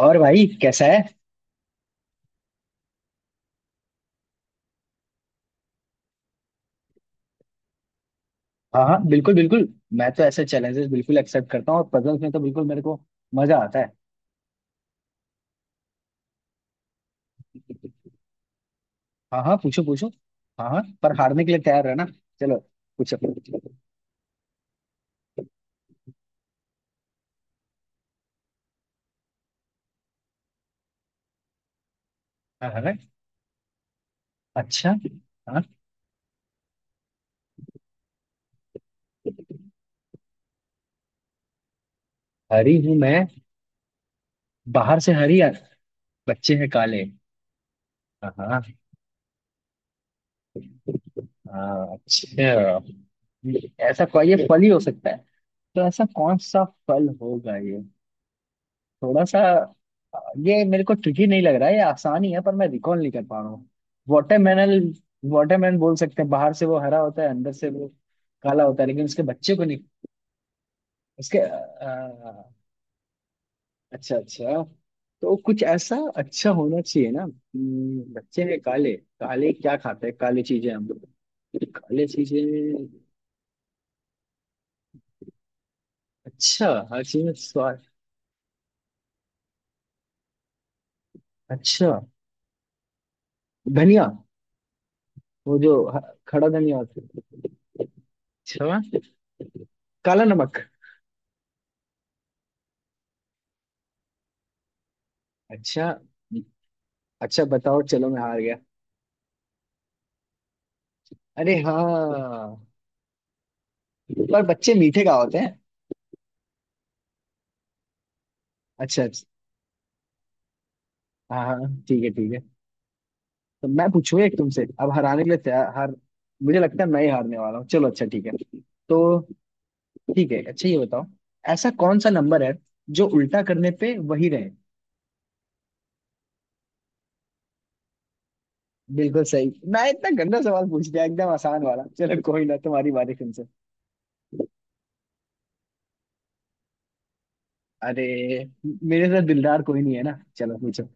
और भाई कैसा है। हाँ हाँ बिल्कुल बिल्कुल। मैं तो ऐसे चैलेंजेस बिल्कुल एक्सेप्ट करता हूँ और पजल्स में तो बिल्कुल मेरे को मजा आता है। हाँ हाँ पूछो पूछो। हाँ हाँ पर हारने के लिए तैयार रहना। चलो, पूछो। हाँ हाँ हाँ। अच्छा। हाँ, हरी हूँ मैं, बाहर से हरी यार, बच्चे हैं काले। हाँ हाँ हाँ, अच्छा। ऐसा कोई ये फल ही हो सकता है। तो ऐसा कौन सा फल होगा ये। थोड़ा सा। अ, ये मेरे को ट्रिकी नहीं लग रहा है, ये आसान ही है, पर मैं रिकॉल नहीं कर पा रहा हूँ। वाटरमेलन। वाटरमेलन बोल सकते हैं, बाहर से वो हरा होता है, अंदर से वो काला होता है, लेकिन उसके बच्चे को नहीं। उसके अ, अच्छा अच्छा। तो कुछ ऐसा अच्छा होना चाहिए ना। बच्चे हैं काले। काले क्या खाते हैं, काली चीजें हम लोग। काले चीजें। अच्छा, हर चीज में स्वाद। अच्छा। धनिया। वो जो ह- खड़ा धनिया होता है। अच्छा। काला नमक। अच्छा, अच्छा बताओ, चलो मैं हार गया। अरे हाँ, पर बच्चे मीठे का होते हैं। अच्छा अच्छा। हाँ हाँ ठीक है ठीक है। तो मैं पूछूं एक तुमसे, अब हराने के लिए तैयार हार। मुझे लगता है मैं ही हारने वाला हूँ, चलो अच्छा ठीक है। तो ठीक है, अच्छा ये बताओ। ऐसा कौन सा नंबर है जो उल्टा करने पे वही रहे। बिल्कुल सही, मैं इतना गंदा सवाल पूछ लिया एकदम आसान वाला। चलो कोई ना, तुम्हारी बारी, तुमसे। अरे, मेरे साथ दिलदार कोई नहीं है ना। चलो पूछो।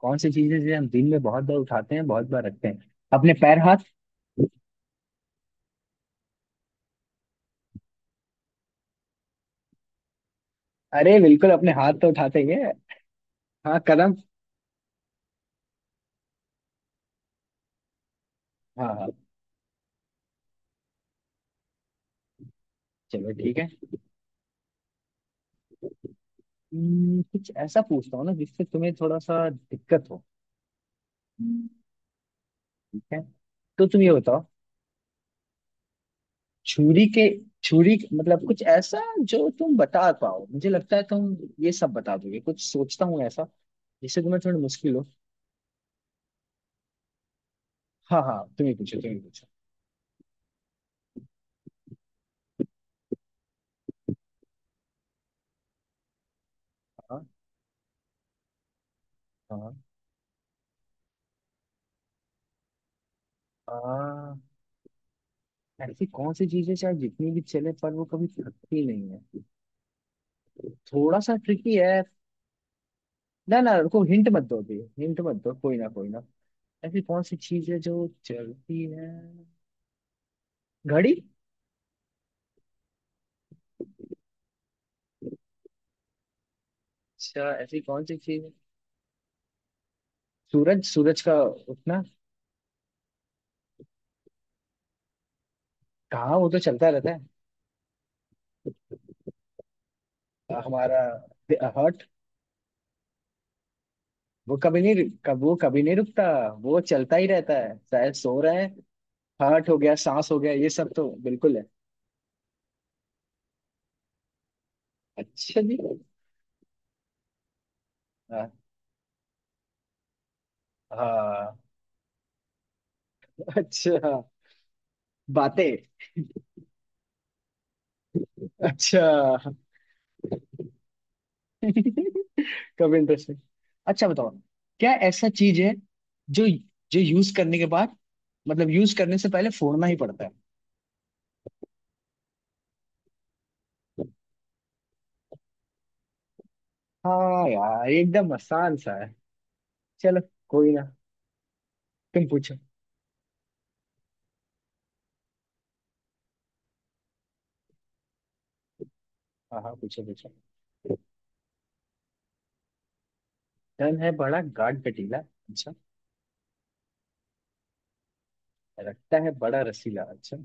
कौन सी चीज है जिसे हम दिन में बहुत बार उठाते हैं, बहुत बार रखते हैं। अपने पैर, हाथ। अरे बिल्कुल अपने हाथ तो उठा देंगे। हाँ कदम। हाँ हाँ चलो ठीक है। कुछ ऐसा पूछता हूँ ना जिससे तुम्हें थोड़ा सा दिक्कत हो। हम्म। ठीक है, तो तुम ये बताओ। छुरी के, छुरी मतलब कुछ ऐसा जो तुम बता पाओ। मुझे लगता है तुम ये सब बता दोगे, कुछ सोचता हूँ ऐसा जिससे तुम्हें थोड़ी मुश्किल हो। हाँ हाँ तुम ही पूछो तुम ही पूछो। हाँ हाँ हाँ ऐसी कौन सी चीज है शायद जितनी भी चले पर वो कभी थकती नहीं है। थोड़ा सा ट्रिकी है। ना ना, रुको, हिंट मत दो, अभी हिंट मत दो, कोई ना कोई ना। ऐसी कौन सी चीज है जो चलती है। घड़ी। अच्छा, ऐसी कौन सी चीज है। सूरज, सूरज का उठना। कहाँ, वो तो चलता रहता है हमारा। हार्ट। वो कभी नहीं, कब वो कभी नहीं रुकता, वो चलता ही रहता है, शायद सो रहा है। हार्ट हो गया, सांस हो गया, ये सब तो बिल्कुल है। अच्छा जी। हाँ, हाँ, अच्छा। बातें। अच्छा। कभी इंटरेस्टिंग। अच्छा बताओ। क्या ऐसा चीज है जो जो यूज करने के बाद, मतलब यूज करने से पहले फोड़ना ही पड़ता है। हाँ यार, एकदम आसान सा है। चलो, कोई ना, तुम पूछो। हाँ हाँ पूछो पूछो। तन है बड़ा गाढ़ कटीला, अच्छा। लगता है बड़ा रसीला, अच्छा।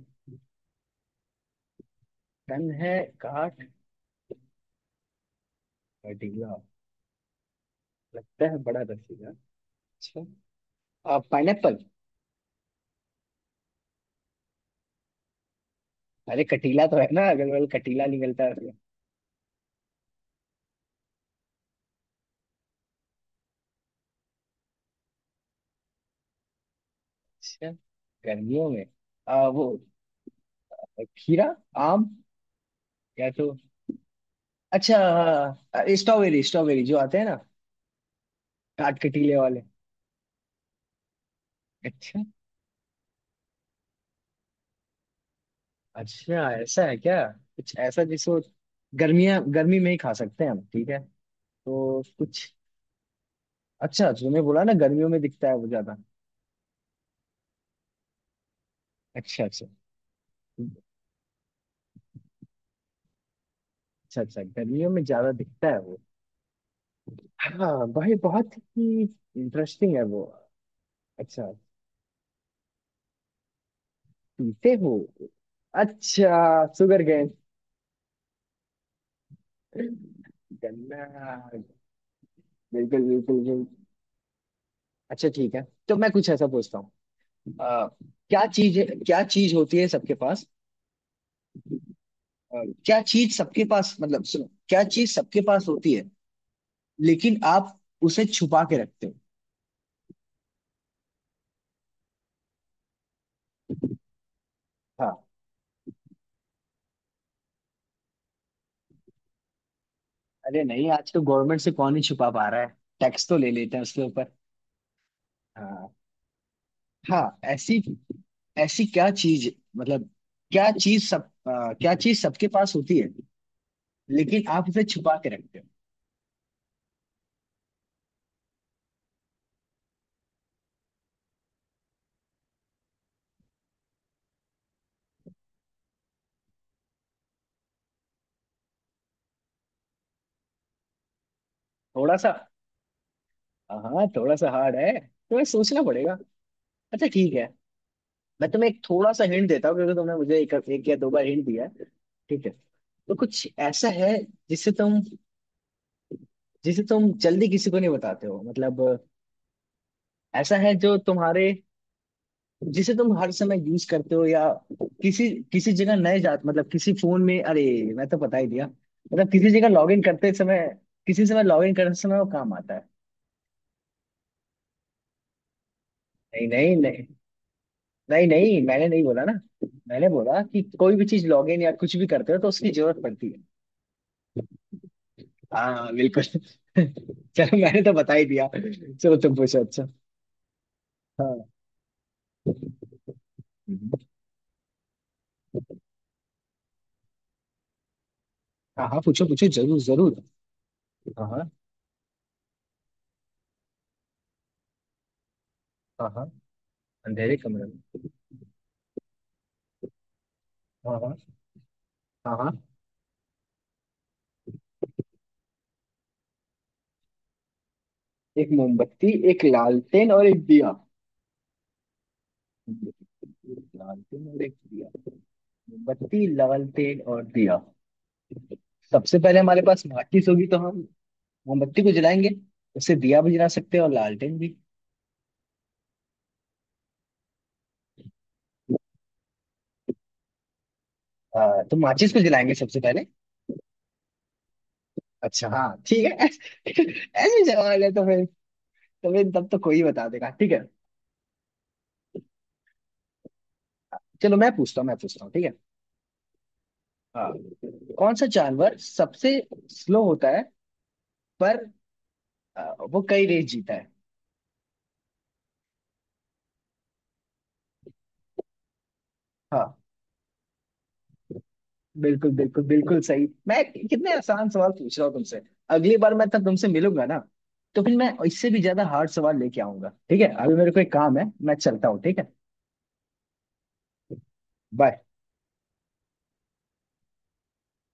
तन है गाढ़ कटीला, लगता है बड़ा रसीला, अच्छा। पाइनएप्पल। अरे कटीला तो है ना, अगल बगल कटीला निकलता है। अच्छा, गर्मियों में। आ, वो खीरा, आम, या तो। अच्छा, हाँ, स्ट्रॉबेरी, स्ट्रॉबेरी जो आते हैं ना, काट के टीले वाले। अच्छा। अच्छा, ऐसा है क्या, कुछ ऐसा जिसको गर्मियां गर्मी में ही खा सकते हैं हम, ठीक है। तो कुछ, अच्छा तुमने बोला ना गर्मियों में दिखता है वो ज्यादा। अच्छा अच्छा। अच्छा अच्छा, गर्मियों में ज्यादा दिखता है वो। हाँ भाई, बहुत ही इंटरेस्टिंग है वो। अच्छा। पीते हो। अच्छा, शुगर गेन। गन्ना। बिल्कुल बिल्कुल बिल्कुल। अच्छा ठीक है, तो मैं कुछ ऐसा पूछता हूँ। आ, क्या चीज, क्या चीज होती है सबके पास। क्या चीज सबके पास, मतलब सुनो, क्या चीज सबके पास होती है लेकिन आप उसे छुपा के रखते हो। हाँ। अरे नहीं, आज तो गवर्नमेंट से कौन ही छुपा पा रहा है, टैक्स तो ले लेते हैं उसके ऊपर। हाँ हाँ ऐसी, ऐसी क्या चीज, मतलब क्या चीज सब, क्या चीज सबके पास होती है लेकिन आप उसे छुपा के रखते हो। थोड़ा सा। हाँ थोड़ा सा हार्ड है तो सोचना पड़ेगा। अच्छा ठीक है, मैं तुम्हें एक थोड़ा सा हिंट देता हूँ, क्योंकि तुमने मुझे एक या दो बार हिंट दिया है। ठीक है, तो कुछ ऐसा है जिसे तुम, जिसे तुम जल्दी किसी को नहीं बताते हो, मतलब ऐसा है जो तुम्हारे, जिसे तुम हर समय यूज करते हो या किसी किसी जगह, नए जात मतलब किसी फोन में, अरे मैं तो बता ही दिया, मतलब किसी जगह लॉग इन करते समय, किसी समय लॉग इन करते समय वो काम आता है। नहीं नहीं नहीं नहीं नहीं मैंने नहीं बोला ना, मैंने बोला कि कोई भी चीज लॉग इन या कुछ भी करते हो तो उसकी जरूरत पड़ती है। हाँ बिल्कुल। चलो मैंने तो बता ही दिया, चलो तुम पूछो। अच्छा, हाँ। हम्म। हाँ, पूछो पूछो जरूर जरूर। हाँ हाँ हाँ हाँ, अंधेरे कमरे में। हाँ हाँ हाँ हाँ एक मोमबत्ती, एक लालटेन और एक दिया, एक लालटेन और एक दिया, मोमबत्ती लालटेन और दिया। सबसे पहले हमारे पास माचिस होगी, तो हम मोमबत्ती को जलाएंगे, उससे दिया भी जला सकते हैं और लालटेन भी। तो माचिस को जलाएंगे सबसे पहले। अच्छा हाँ ठीक है। ऐसे सवाल है तो फिर, तो फिर तब तो कोई बता देगा, ठीक है। चलो मैं पूछता हूँ, मैं पूछता हूँ, ठीक है। हाँ, कौन सा जानवर सबसे स्लो होता है पर वो कई रेस जीता है। हाँ बिल्कुल, बिल्कुल बिल्कुल सही, मैं कितने आसान सवाल पूछ रहा हूँ तुमसे। अगली बार मैं तब तुमसे मिलूंगा ना, तो फिर मैं इससे भी ज्यादा हार्ड सवाल लेके आऊंगा, ठीक है। अभी मेरे को एक काम है, मैं चलता हूँ, ठीक है। बाय।